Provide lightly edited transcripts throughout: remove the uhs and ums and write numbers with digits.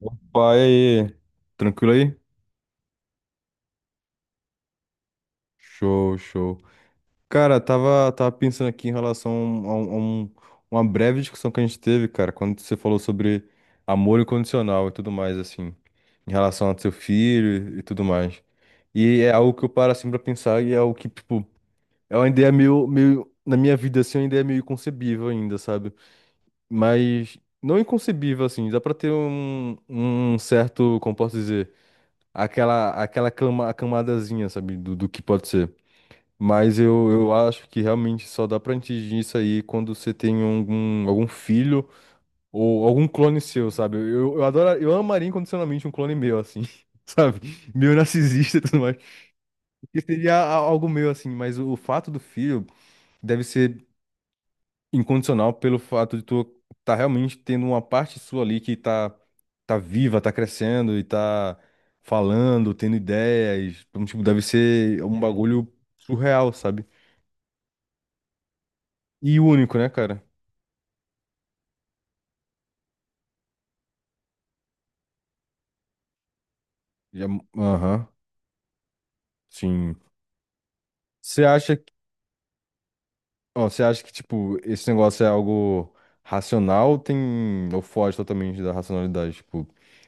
Opa, e aí? Tranquilo aí? Show, show. Cara, tava pensando aqui em relação a, uma breve discussão que a gente teve, cara, quando você falou sobre amor incondicional e tudo mais, assim, em relação ao seu filho e tudo mais. E é algo que eu paro, assim, pra pensar e é algo que, tipo, é uma ideia meio, na minha vida, assim, é uma ideia meio inconcebível ainda, sabe? Mas não inconcebível, assim, dá pra ter um certo, como posso dizer? Aquela camadazinha, sabe, do que pode ser. Mas eu acho que realmente só dá pra atingir isso aí quando você tem algum filho ou algum clone seu, sabe? Eu adoro, eu amaria incondicionalmente um clone meu, assim, sabe? Meio narcisista e tudo mais. Que seria algo meu, assim, mas o fato do filho deve ser incondicional pelo fato de tu tá realmente tendo uma parte sua ali que tá viva, tá crescendo e tá falando, tendo ideias. Então, tipo, deve ser um bagulho surreal, sabe? E único, né, cara? Já é. Aham, sim. Você acha que, ó, você acha que, tipo, esse negócio é algo racional ou tem, ou foge totalmente da racionalidade? Tipo,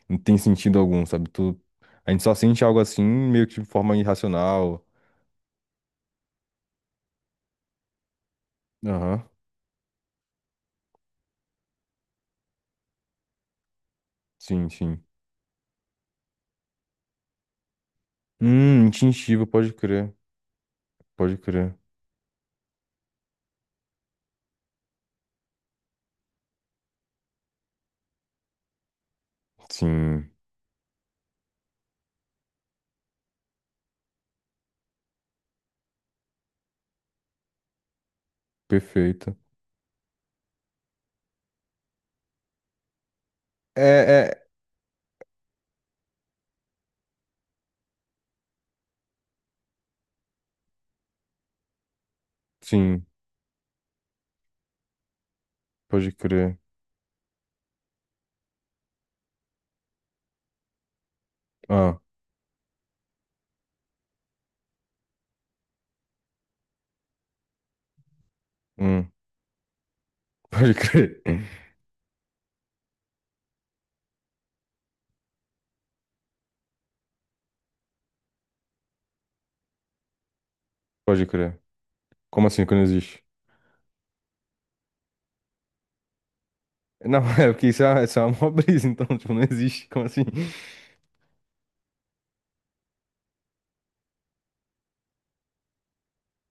não tem sentido algum, sabe? A gente só sente algo assim, meio que de forma irracional. Aham, sim, sim. Instintivo, pode crer. Pode crer. Sim, perfeito. É, é. Sim, pode crer. Ah, hum, pode crer. Pode crer. Como assim que não existe? Não, é porque isso é uma mó brisa, então, tipo, não existe. Como assim?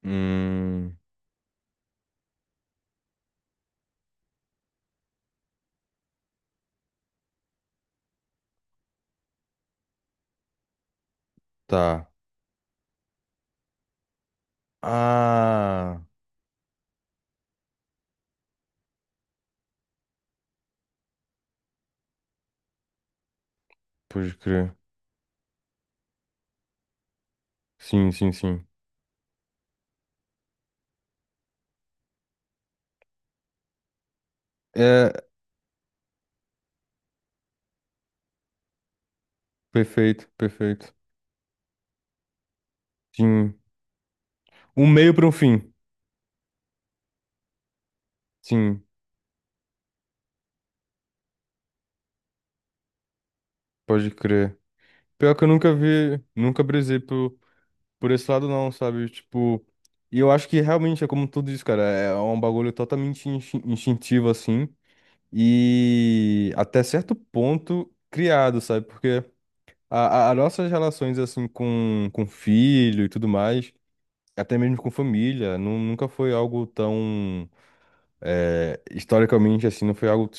Hum, tá. Ah, pode crer. Sim, sim, sim. É, perfeito, perfeito. Sim. Um meio para um fim. Sim, pode crer. Pior que eu nunca vi, nunca brisei por. Por esse lado, não, sabe? Tipo. E eu acho que realmente é como tudo isso, cara. É um bagulho totalmente instintivo, assim. E até certo ponto criado, sabe? Porque as nossas relações, assim, com filho e tudo mais, até mesmo com família, nunca foi algo tão. Historicamente, assim, não foi algo.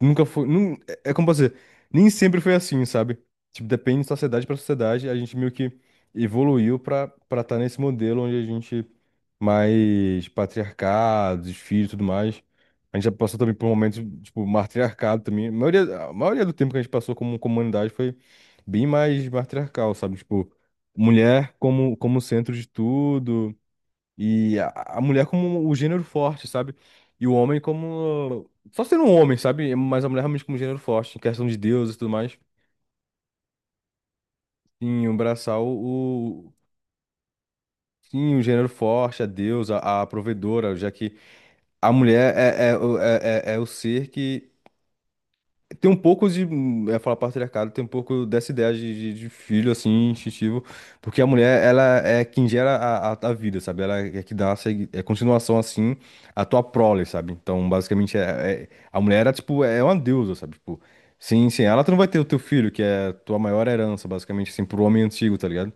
Nunca foi. É, como posso dizer, nem sempre foi assim, sabe? Tipo, depende de sociedade pra sociedade, a gente meio que evoluiu pra para estar nesse modelo onde a gente mais patriarcado, os filhos e tudo mais. A gente já passou também por momentos, tipo, matriarcado também. A maioria do tempo que a gente passou como comunidade foi bem mais matriarcal, sabe? Tipo, mulher como centro de tudo. E a mulher como o gênero forte, sabe? E o homem como. Só sendo um homem, sabe? Mas a mulher realmente como gênero forte, em questão de Deus e tudo mais. Sim, abraçar o. Sim, o gênero forte, a Deus, a provedora, já que a mulher é o ser que tem um pouco de, é falar patriarcado, tem um pouco dessa ideia de filho, assim, instintivo, porque a mulher, ela é quem gera a vida, sabe? Ela é que dá a é continuação, assim, à tua prole, sabe? Então, basicamente, a mulher, era, tipo, é uma deusa, sabe? Tipo, sem ela, tu não vai ter o teu filho, que é a tua maior herança, basicamente, assim, pro homem antigo, tá ligado?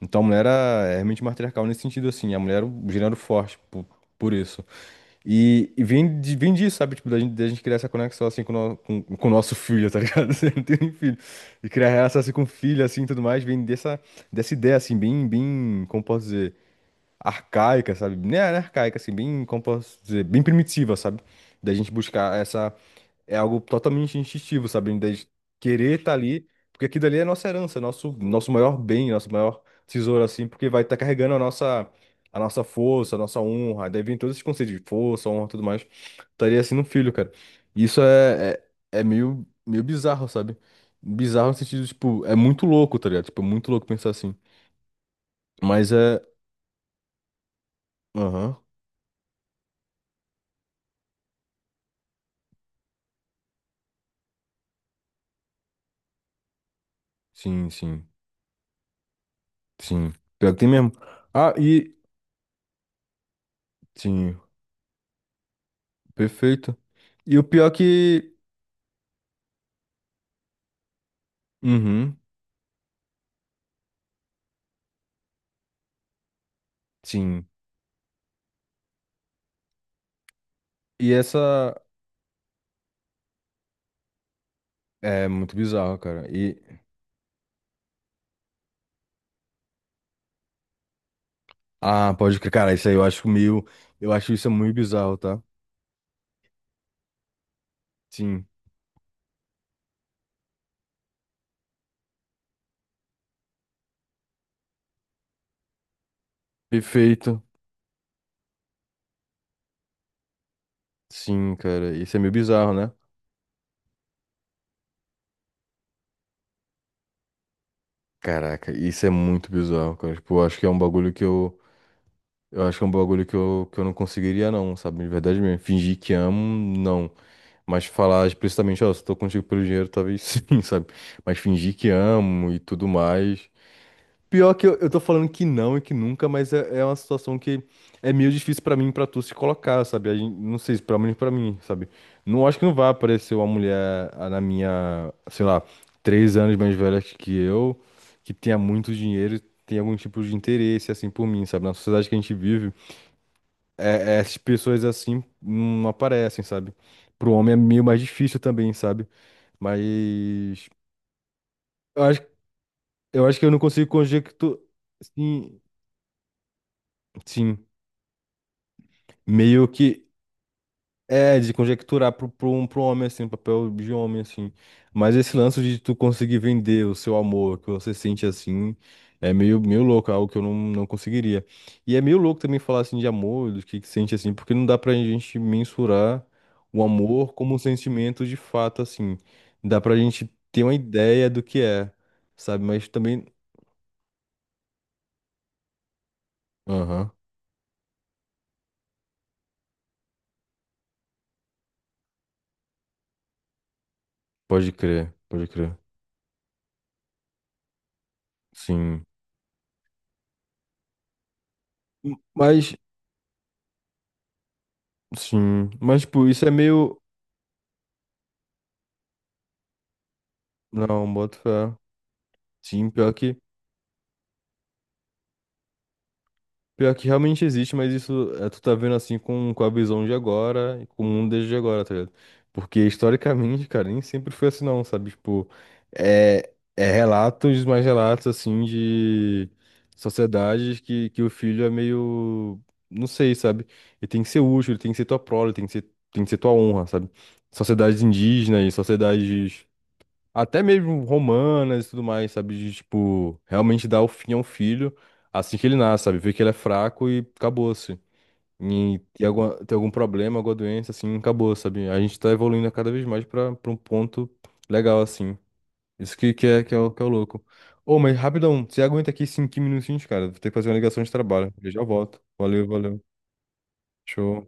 Então, a mulher era, é realmente matriarcal nesse sentido, assim, a mulher era o gênero forte, por isso. E vem disso, sabe? Tipo, da gente criar essa conexão assim com, o no- com o nosso filho, tá ligado? Você não tem nem filho. E criar relação assim com o filho, assim, e tudo mais, vem dessa, ideia, assim, bem, como posso dizer, arcaica, sabe? Nem arcaica, assim, bem, como posso dizer, bem primitiva, sabe? Da gente buscar essa, é algo totalmente instintivo, sabe? Da gente querer estar ali, porque aquilo ali é nossa herança, nosso maior bem, nosso maior tesouro, assim, porque vai estar carregando a nossa força, a nossa honra. Daí vem todos esses conceitos de força, honra e tudo mais. Estaria assim no filho, cara. E isso é meio bizarro, sabe? Bizarro no sentido, tipo, é muito louco, tá ligado? Tipo, é muito louco pensar assim. Mas é. Aham. Sim, sim, sim. Pior que tem mesmo. Ah, e. Sim, perfeito. E o pior é que. Uhum, sim. E essa é muito bizarro, cara. E ah, pode crer, cara, isso aí eu acho meio, eu acho isso é muito bizarro, tá? Sim. Perfeito. Sim, cara, isso é meio bizarro, né? Caraca, isso é muito bizarro, cara. Tipo, eu acho que é um bagulho que eu acho que é um bagulho que eu não conseguiria não, sabe? De verdade mesmo. Fingir que amo, não. Mas falar explicitamente, ó, se tô contigo pelo dinheiro, talvez sim, sabe? Mas fingir que amo e tudo mais. Pior que eu tô falando que não e que nunca, mas é uma situação que é meio difícil pra mim, e pra tu se colocar, sabe? Não sei, pelo menos pra mim, sabe? Não acho que não vai aparecer uma mulher ah, na minha, sei lá, 3 anos mais velha que eu, que tenha muito dinheiro, e tenha algum tipo de interesse assim por mim, sabe? Na sociedade que a gente vive, essas pessoas assim não aparecem, sabe? Pro homem é meio mais difícil também, sabe? Mas eu acho, eu acho que eu não consigo conjecturar, sim, sim. meio que é de conjecturar pro homem, assim, um papel de homem, assim. Mas esse lance de tu conseguir vender o seu amor, que você sente assim, é meio louco, é algo que eu não conseguiria. E é meio louco também falar assim de amor, do que sente assim, porque não dá pra gente mensurar o amor como um sentimento de fato, assim. Dá pra gente ter uma ideia do que é, sabe? Mas também. Aham, pode crer, pode crer. Sim. Mas, sim. Mas, tipo, isso é meio. Não, boto fé. Sim, pior que realmente existe, mas isso é, tu tá vendo assim com a visão de agora e com o mundo desde agora, tá ligado? Porque historicamente, cara, nem sempre foi assim não, sabe? Tipo, é relatos, mais relatos assim de sociedades que o filho é meio, não sei, sabe? Ele tem que ser útil, ele tem que ser tua prole, ele tem que ser tua honra, sabe? Sociedades indígenas, sociedades até mesmo romanas e tudo mais, sabe? De, tipo, realmente dar o fim ao filho assim que ele nasce, sabe? Ver que ele é fraco e acabou-se. E tem alguma, tem algum problema, alguma doença, assim, acabou, sabe? A gente tá evoluindo cada vez mais pra um ponto legal, assim. Isso que é o louco. Ô, mas rapidão, você aguenta aqui 5 minutinhos, cara? Vou ter que fazer uma ligação de trabalho. Eu já volto. Valeu, valeu. Show.